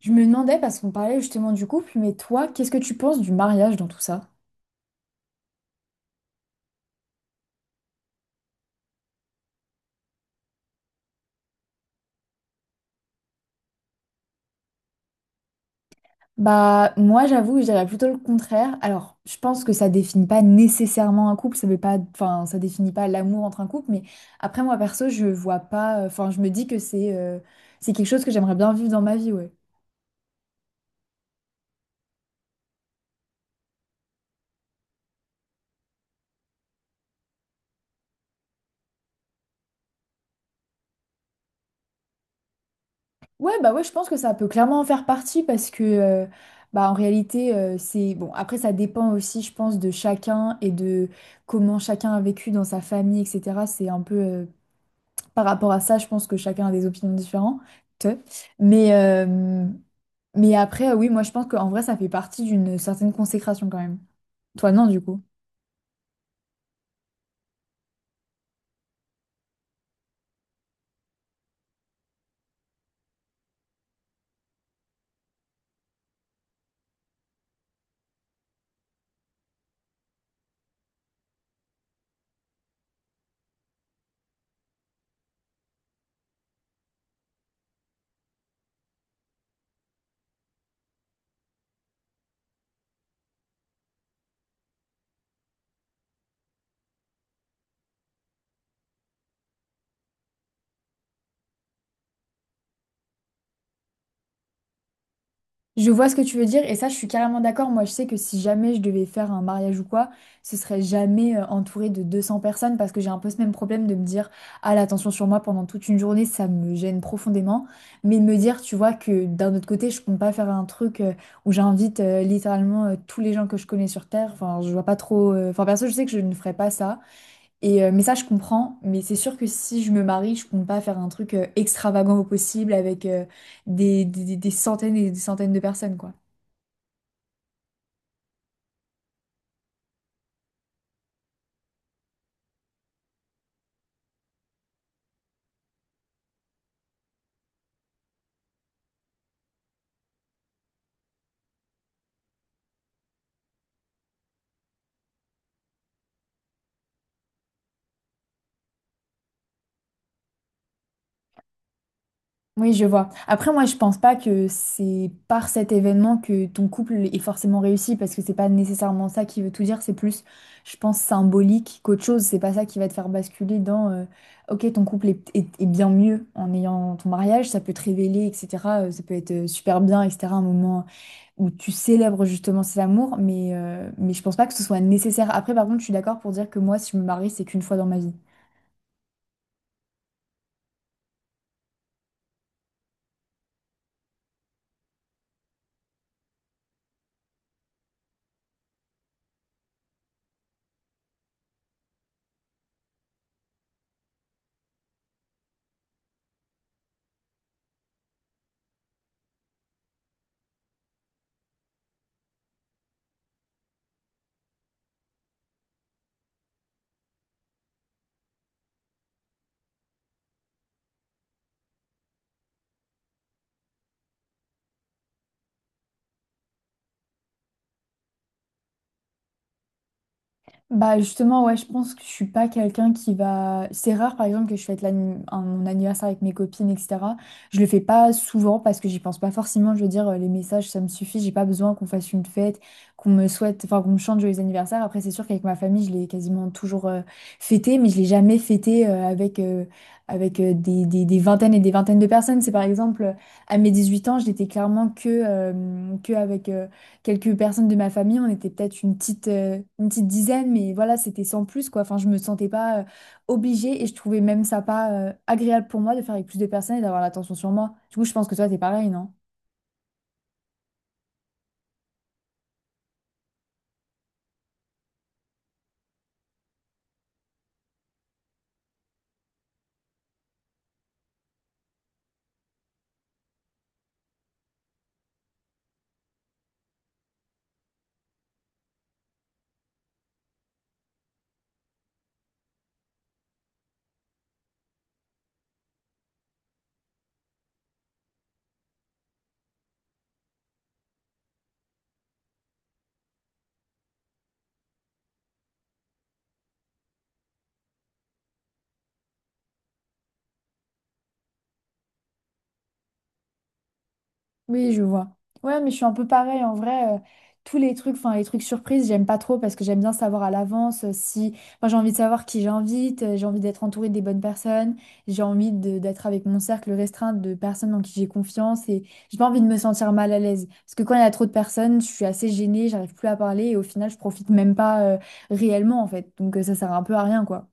Je me demandais, parce qu'on parlait justement du couple, mais toi, qu'est-ce que tu penses du mariage dans tout ça? Bah, moi, j'avoue, je dirais plutôt le contraire. Alors, je pense que ça définit pas nécessairement un couple, ça veut pas, enfin, ça définit pas l'amour entre un couple, mais après, moi, perso, je vois pas, enfin, je me dis que c'est quelque chose que j'aimerais bien vivre dans ma vie, ouais. Ouais, bah ouais, je pense que ça peut clairement en faire partie parce que, bah, en réalité, c'est, bon, après, ça dépend aussi, je pense, de chacun et de comment chacun a vécu dans sa famille, etc. C'est un peu par rapport à ça, je pense que chacun a des opinions différentes. Mais, euh, mais après, oui, moi, je pense qu'en vrai, ça fait partie d'une certaine consécration quand même. Toi, non, du coup. Je vois ce que tu veux dire et ça, je suis carrément d'accord. Moi, je sais que si jamais je devais faire un mariage ou quoi, ce serait jamais entouré de 200 personnes parce que j'ai un peu ce même problème de me dire, ah, l'attention sur moi pendant toute une journée, ça me gêne profondément. Mais de me dire, tu vois, que d'un autre côté, je compte pas faire un truc où j'invite littéralement tous les gens que je connais sur Terre. Enfin, je vois pas trop. Enfin, perso, je sais que je ne ferais pas ça. Et, mais ça, je comprends. Mais c'est sûr que si je me marie, je compte pas faire un truc extravagant au possible avec des centaines et des centaines de personnes, quoi. Oui, je vois. Après, moi, je pense pas que c'est par cet événement que ton couple est forcément réussi, parce que c'est pas nécessairement ça qui veut tout dire. C'est plus, je pense, symbolique qu'autre chose. C'est pas ça qui va te faire basculer dans, ok, ton couple est, est bien mieux en ayant ton mariage. Ça peut te révéler, etc. Ça peut être super bien, etc. Un moment où tu célèbres justement cet amour, mais je pense pas que ce soit nécessaire. Après, par contre, je suis d'accord pour dire que moi, si je me marie, c'est qu'une fois dans ma vie. Bah justement, ouais, je pense que je suis pas quelqu'un qui va... C'est rare, par exemple, que je fête mon anniversaire avec mes copines, etc. Je le fais pas souvent parce que j'y pense pas forcément. Je veux dire, les messages, ça me suffit. J'ai pas besoin qu'on fasse une fête, qu'on me souhaite, enfin, qu'on me chante joyeux anniversaire. Après, c'est sûr qu'avec ma famille, je l'ai quasiment toujours fêté, mais je l'ai jamais fêté avec, des vingtaines et des vingtaines de personnes. C'est par exemple, à mes 18 ans, je n'étais clairement que avec... quelques personnes de ma famille. On était peut-être une petite dizaine, mais voilà, c'était sans plus, quoi. Enfin, je me sentais pas obligée et je trouvais même ça pas agréable pour moi de faire avec plus de personnes et d'avoir l'attention sur moi. Du coup, je pense que toi, t'es pareil, non? Oui, je vois. Ouais, mais je suis un peu pareil en vrai. Tous les trucs, enfin les trucs surprises, j'aime pas trop parce que j'aime bien savoir à l'avance si. Enfin, j'ai envie de savoir qui j'invite, j'ai envie d'être entourée des bonnes personnes, j'ai envie d'être avec mon cercle restreint de personnes en qui j'ai confiance et j'ai pas envie de me sentir mal à l'aise. Parce que quand il y a trop de personnes, je suis assez gênée, j'arrive plus à parler et au final, je profite même pas réellement en fait. Donc ça sert un peu à rien quoi.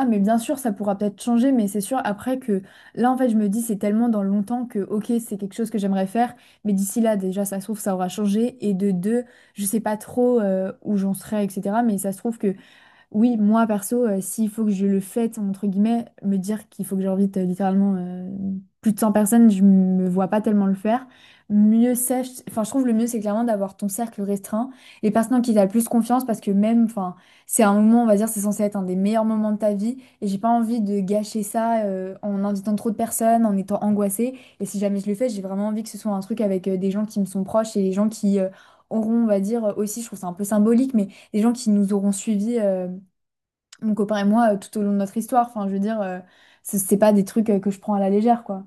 Ah mais bien sûr, ça pourra peut-être changer, mais c'est sûr après que là en fait je me dis c'est tellement dans longtemps que ok c'est quelque chose que j'aimerais faire, mais d'ici là déjà ça se trouve ça aura changé et de deux je sais pas trop où j'en serai etc. Mais ça se trouve que oui, moi perso, s'il faut que je le fête, entre guillemets, me dire qu'il faut que j'invite littéralement plus de 100 personnes, je me vois pas tellement le faire. Mieux c'est, enfin je trouve le mieux c'est clairement d'avoir ton cercle restreint, les personnes en qui t'as le plus confiance parce que même, enfin c'est un moment, on va dire, c'est censé être un des meilleurs moments de ta vie et j'ai pas envie de gâcher ça en invitant trop de personnes, en étant angoissée. Et si jamais je le fais, j'ai vraiment envie que ce soit un truc avec des gens qui me sont proches et des gens qui auront, on va dire, aussi, je trouve ça un peu symbolique, mais des gens qui nous auront suivis mon copain et moi tout au long de notre histoire. Enfin, je veux dire, c'est pas des trucs que je prends à la légère, quoi.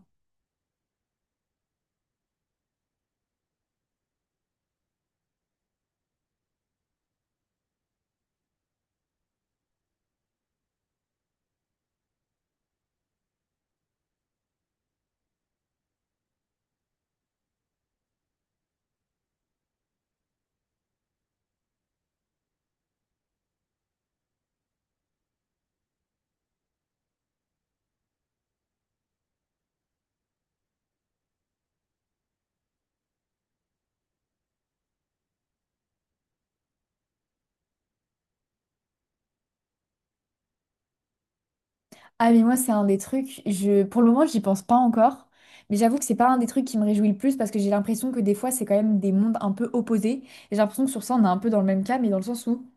Ah, mais moi, c'est un des trucs, je, pour le moment, j'y pense pas encore. Mais j'avoue que c'est pas un des trucs qui me réjouit le plus parce que j'ai l'impression que des fois, c'est quand même des mondes un peu opposés. Et j'ai l'impression que sur ça, on est un peu dans le même cas, mais dans le sens où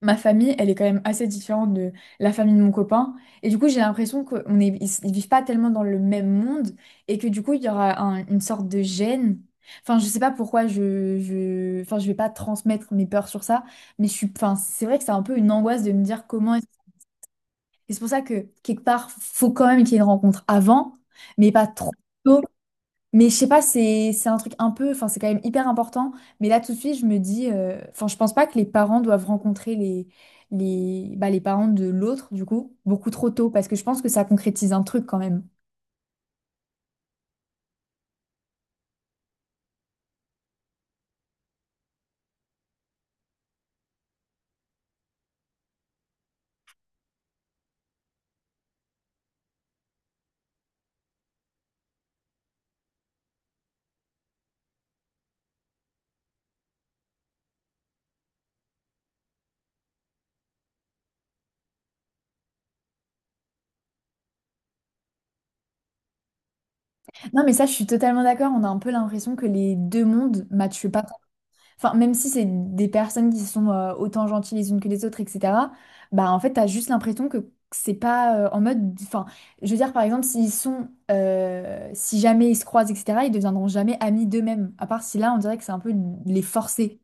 ma famille, elle est quand même assez différente de la famille de mon copain. Et du coup, j'ai l'impression qu'on est, ils vivent pas tellement dans le même monde et que du coup, il y aura une sorte de gêne. Enfin, je sais pas pourquoi je, enfin, je vais pas transmettre mes peurs sur ça, mais je suis, enfin, c'est vrai que c'est un peu une angoisse de me dire comment. Et c'est pour ça que quelque part, faut quand même qu'il y ait une rencontre avant, mais pas trop tôt mais je sais pas, c'est un truc un peu, enfin c'est quand même hyper important. Mais là tout de suite, je me dis, enfin je pense pas que les parents doivent rencontrer les parents de l'autre du coup beaucoup trop tôt parce que je pense que ça concrétise un truc quand même. Non mais ça, je suis totalement d'accord. On a un peu l'impression que les deux mondes matchent pas. Enfin, même si c'est des personnes qui sont autant gentilles les unes que les autres, etc., bah en fait, t'as juste l'impression que c'est pas en mode. Enfin, je veux dire, par exemple, s'ils sont, si jamais ils se croisent, etc., ils deviendront jamais amis d'eux-mêmes. À part si là, on dirait que c'est un peu les forcer.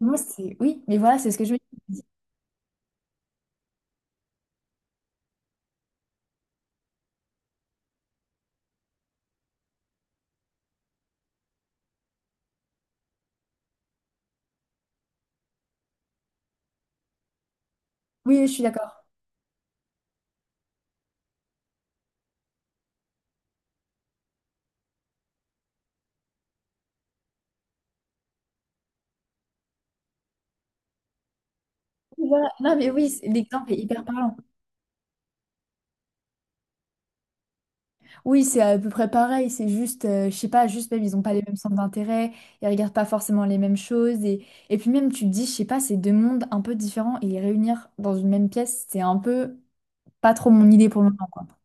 Moi, c'est. Oui, mais voilà, c'est ce que je veux dire. Oui, je suis d'accord. Voilà. Non, mais oui, l'exemple est hyper parlant. Oui, c'est à peu près pareil, c'est juste, je sais pas, juste même, ils ont pas les mêmes centres d'intérêt, ils regardent pas forcément les mêmes choses, et puis même, tu te dis, je sais pas, c'est deux mondes un peu différents, et les réunir dans une même pièce, c'est un peu pas trop mon idée pour le moment, quoi.